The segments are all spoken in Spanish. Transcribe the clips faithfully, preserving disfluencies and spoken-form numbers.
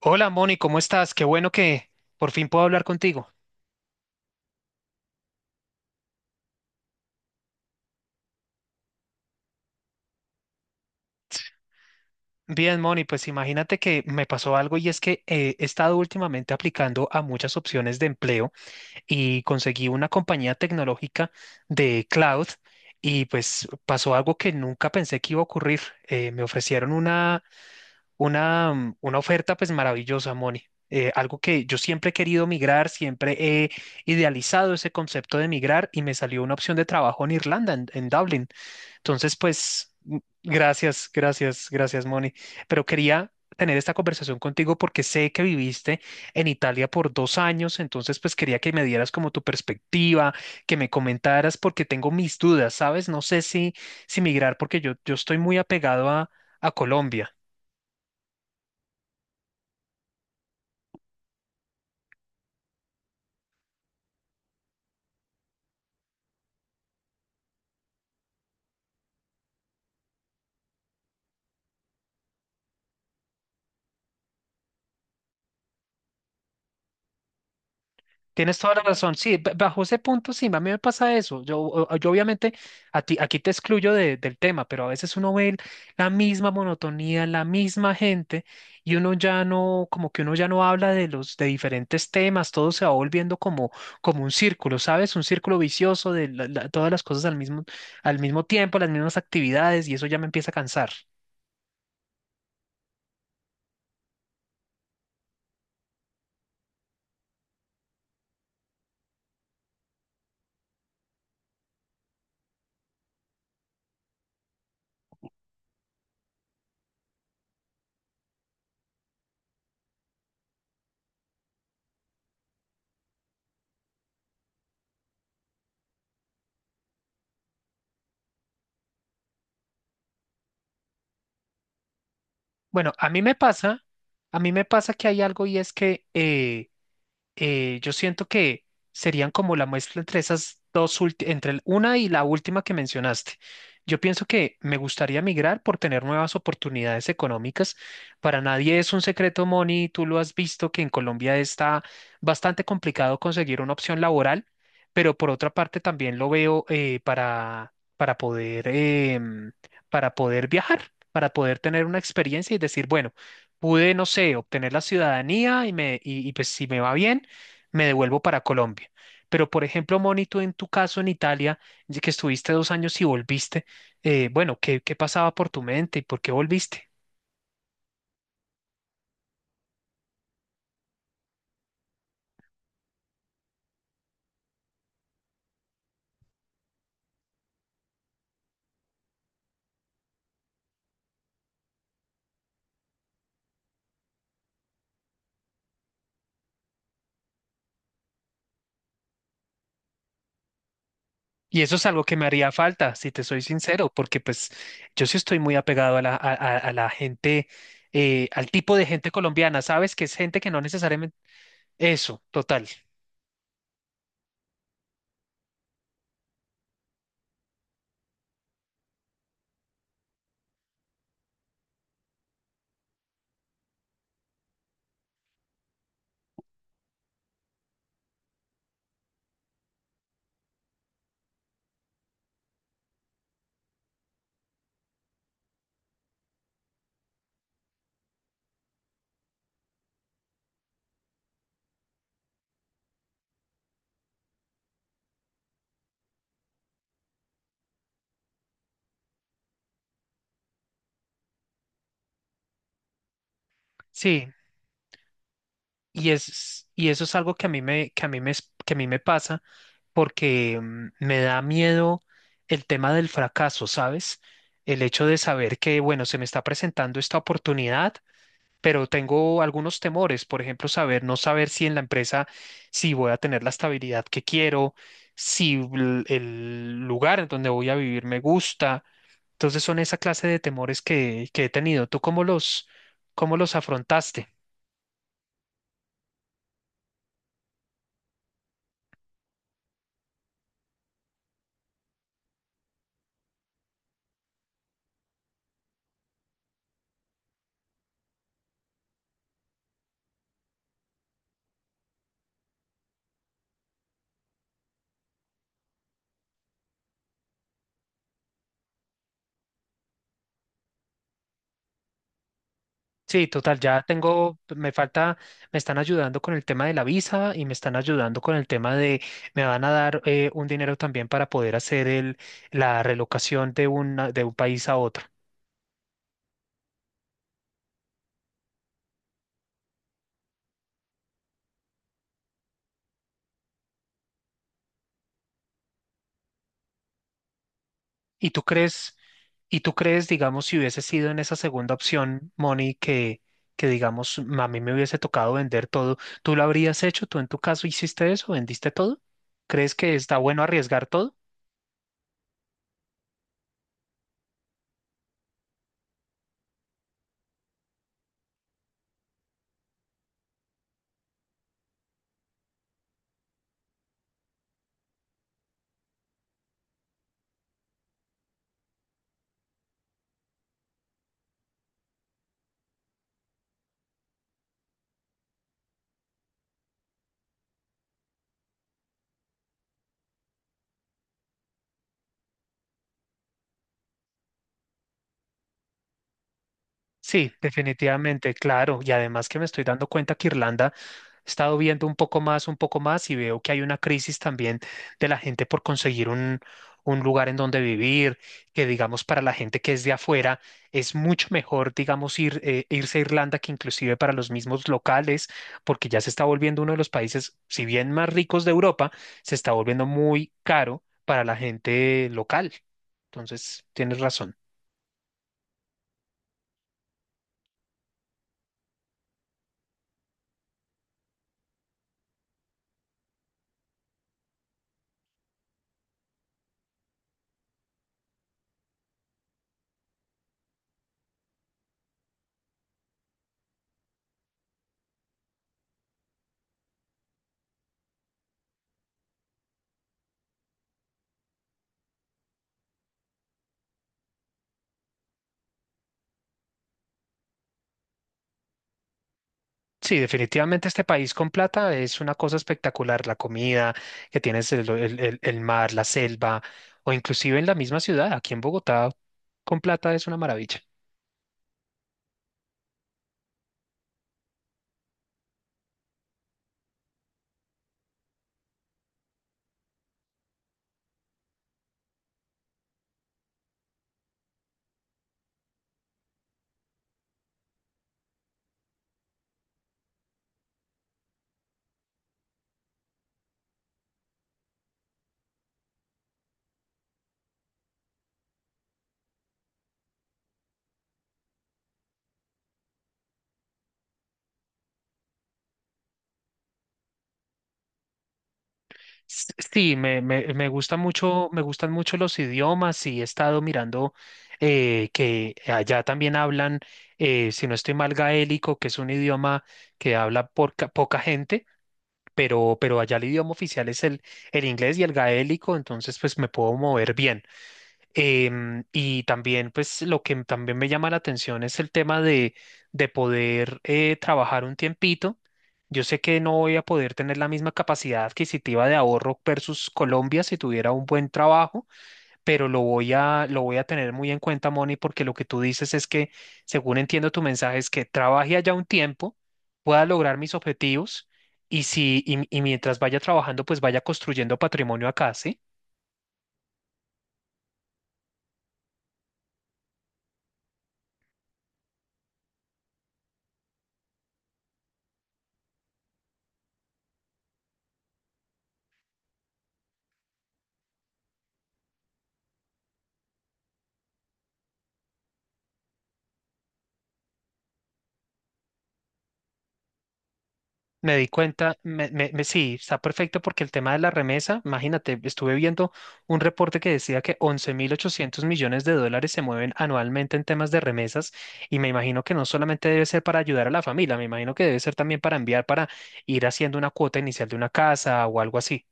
Hola, Moni, ¿cómo estás? Qué bueno que por fin puedo hablar contigo. Bien, Moni, pues imagínate que me pasó algo y es que eh, he estado últimamente aplicando a muchas opciones de empleo y conseguí una compañía tecnológica de cloud, y pues pasó algo que nunca pensé que iba a ocurrir. Eh, me ofrecieron una, una, mm, una oferta pues maravillosa, Moni. Eh, algo que yo siempre he querido migrar, siempre he idealizado ese concepto de migrar, y me salió una opción de trabajo en Irlanda, en en Dublín. Entonces, pues, mm, gracias, gracias, gracias, Moni. Pero quería tener esta conversación contigo porque sé que viviste en Italia por dos años. Entonces, pues, quería que me dieras como tu perspectiva, que me comentaras, porque tengo mis dudas, ¿sabes? No sé si, si migrar, porque yo, yo estoy muy apegado a, a Colombia. Tienes toda la razón. Sí, ba- bajo ese punto sí, a mí me pasa eso. Yo, o- yo obviamente a ti, aquí te excluyo de- del tema, pero a veces uno ve el- la misma monotonía, la misma gente, y uno ya no, como que uno ya no habla de los de diferentes temas, todo se va volviendo como, como un círculo, ¿sabes? Un círculo vicioso de la- la- todas las cosas al mismo, al mismo tiempo, las mismas actividades, y eso ya me empieza a cansar. Bueno, a mí me pasa, a mí me pasa que hay algo, y es que eh, eh, yo siento que serían como la muestra entre esas dos, ulti- entre el- una y la última que mencionaste. Yo pienso que me gustaría migrar por tener nuevas oportunidades económicas. Para nadie es un secreto, Moni, tú lo has visto, que en Colombia está bastante complicado conseguir una opción laboral. Pero por otra parte también lo veo eh, para, para poder, em, para poder viajar, para poder tener una experiencia y decir, bueno, pude, no sé, obtener la ciudadanía y, me, y y pues si me va bien me devuelvo para Colombia. Pero, por ejemplo, Moni, tú en tu caso en Italia, ya que estuviste dos años y volviste, eh, bueno, ¿qué, qué pasaba por tu mente y por qué volviste? Y eso es algo que me haría falta, si te soy sincero, porque pues yo sí estoy muy apegado a la, a, a- a la gente, eh, al tipo de gente colombiana, ¿sabes? Que es gente que no necesariamente... Eso, total. Sí, y, es, y eso es algo que a mí me, que a mí me, es- que a mí me pasa, porque mm, me da miedo el tema del fracaso, ¿sabes? El hecho de saber que, bueno, se me está presentando esta oportunidad, pero tengo algunos temores, por ejemplo, saber, no saber si en la empresa, si voy a tener la estabilidad que quiero, si l- el lugar en donde voy a vivir me gusta. Entonces son esa clase de temores que, que he tenido. ¿Tú cómo los, cómo los afrontaste? Sí, total, ya tengo, me falta, me están ayudando con el tema de la visa, y me están ayudando con el tema de, me van a dar eh, un dinero también para poder hacer el, la relocación de una, de un país a otro. ¿Y tú crees, y tú crees, digamos, si hubiese sido en esa segunda opción, Moni, que, que digamos, a mí me hubiese tocado vender todo, ¿tú lo habrías hecho? ¿Tú en tu caso hiciste eso? ¿Vendiste todo? ¿Crees que está bueno arriesgar todo? Sí, definitivamente, claro. Y además que me estoy dando cuenta que Irlanda he estado viendo un poco más, un poco más, y veo que hay una crisis también de la gente por conseguir un, un lugar en donde vivir, que digamos para la gente que es de afuera es mucho mejor, digamos, ir, eh, irse a Irlanda que inclusive para los mismos locales, porque ya se está volviendo uno de los países, si bien más ricos de Europa, se está volviendo muy caro para la gente local. Entonces, tienes razón. Sí, definitivamente este país con plata es una cosa espectacular. La comida que tienes, el, el- el- el mar, la selva, o inclusive en la misma ciudad, aquí en Bogotá, con plata es una maravilla. S- Sí, me, me, me gusta mucho, me gustan mucho los idiomas, y he estado mirando eh, que allá también hablan, eh, si no estoy mal, gaélico, que es un idioma que habla porca- poca gente, pero, pero allá el idioma oficial es el, el inglés y el gaélico, entonces pues me puedo mover bien. Em, y también, pues, lo que también me llama la atención es el tema de, de poder eh, trabajar un tiempito. Yo sé que no voy a poder tener la misma capacidad adquisitiva de ahorro versus Colombia si tuviera un buen trabajo, pero lo voy a, lo voy a tener muy en cuenta, Moni, porque lo que tú dices es que, según entiendo tu mensaje, es que trabaje allá un tiempo, pueda lograr mis objetivos, y si, y y mientras vaya trabajando, pues vaya construyendo patrimonio acá, ¿sí? Me di cuenta, me, me- me- sí, está perfecto, porque el tema de la remesa, imagínate, estuve viendo un reporte que decía que once mil ochocientos millones de dólares se mueven anualmente en temas de remesas, y me imagino que no solamente debe ser para ayudar a la familia, me imagino que debe ser también para enviar, para ir haciendo una cuota inicial de una casa o algo así.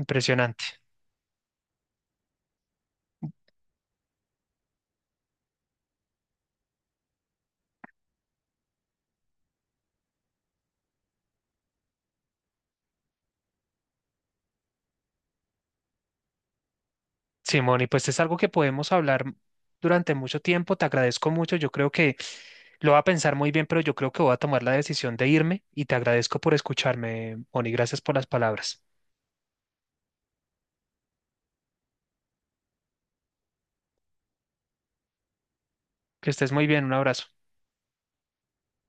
Impresionante. Simón, y pues es algo que podemos hablar durante mucho tiempo. Te agradezco mucho. Yo creo que lo voy a pensar muy bien, pero yo creo que voy a tomar la decisión de irme, y te agradezco por escucharme, Moni. Gracias por las palabras. Que estés muy bien. Un abrazo.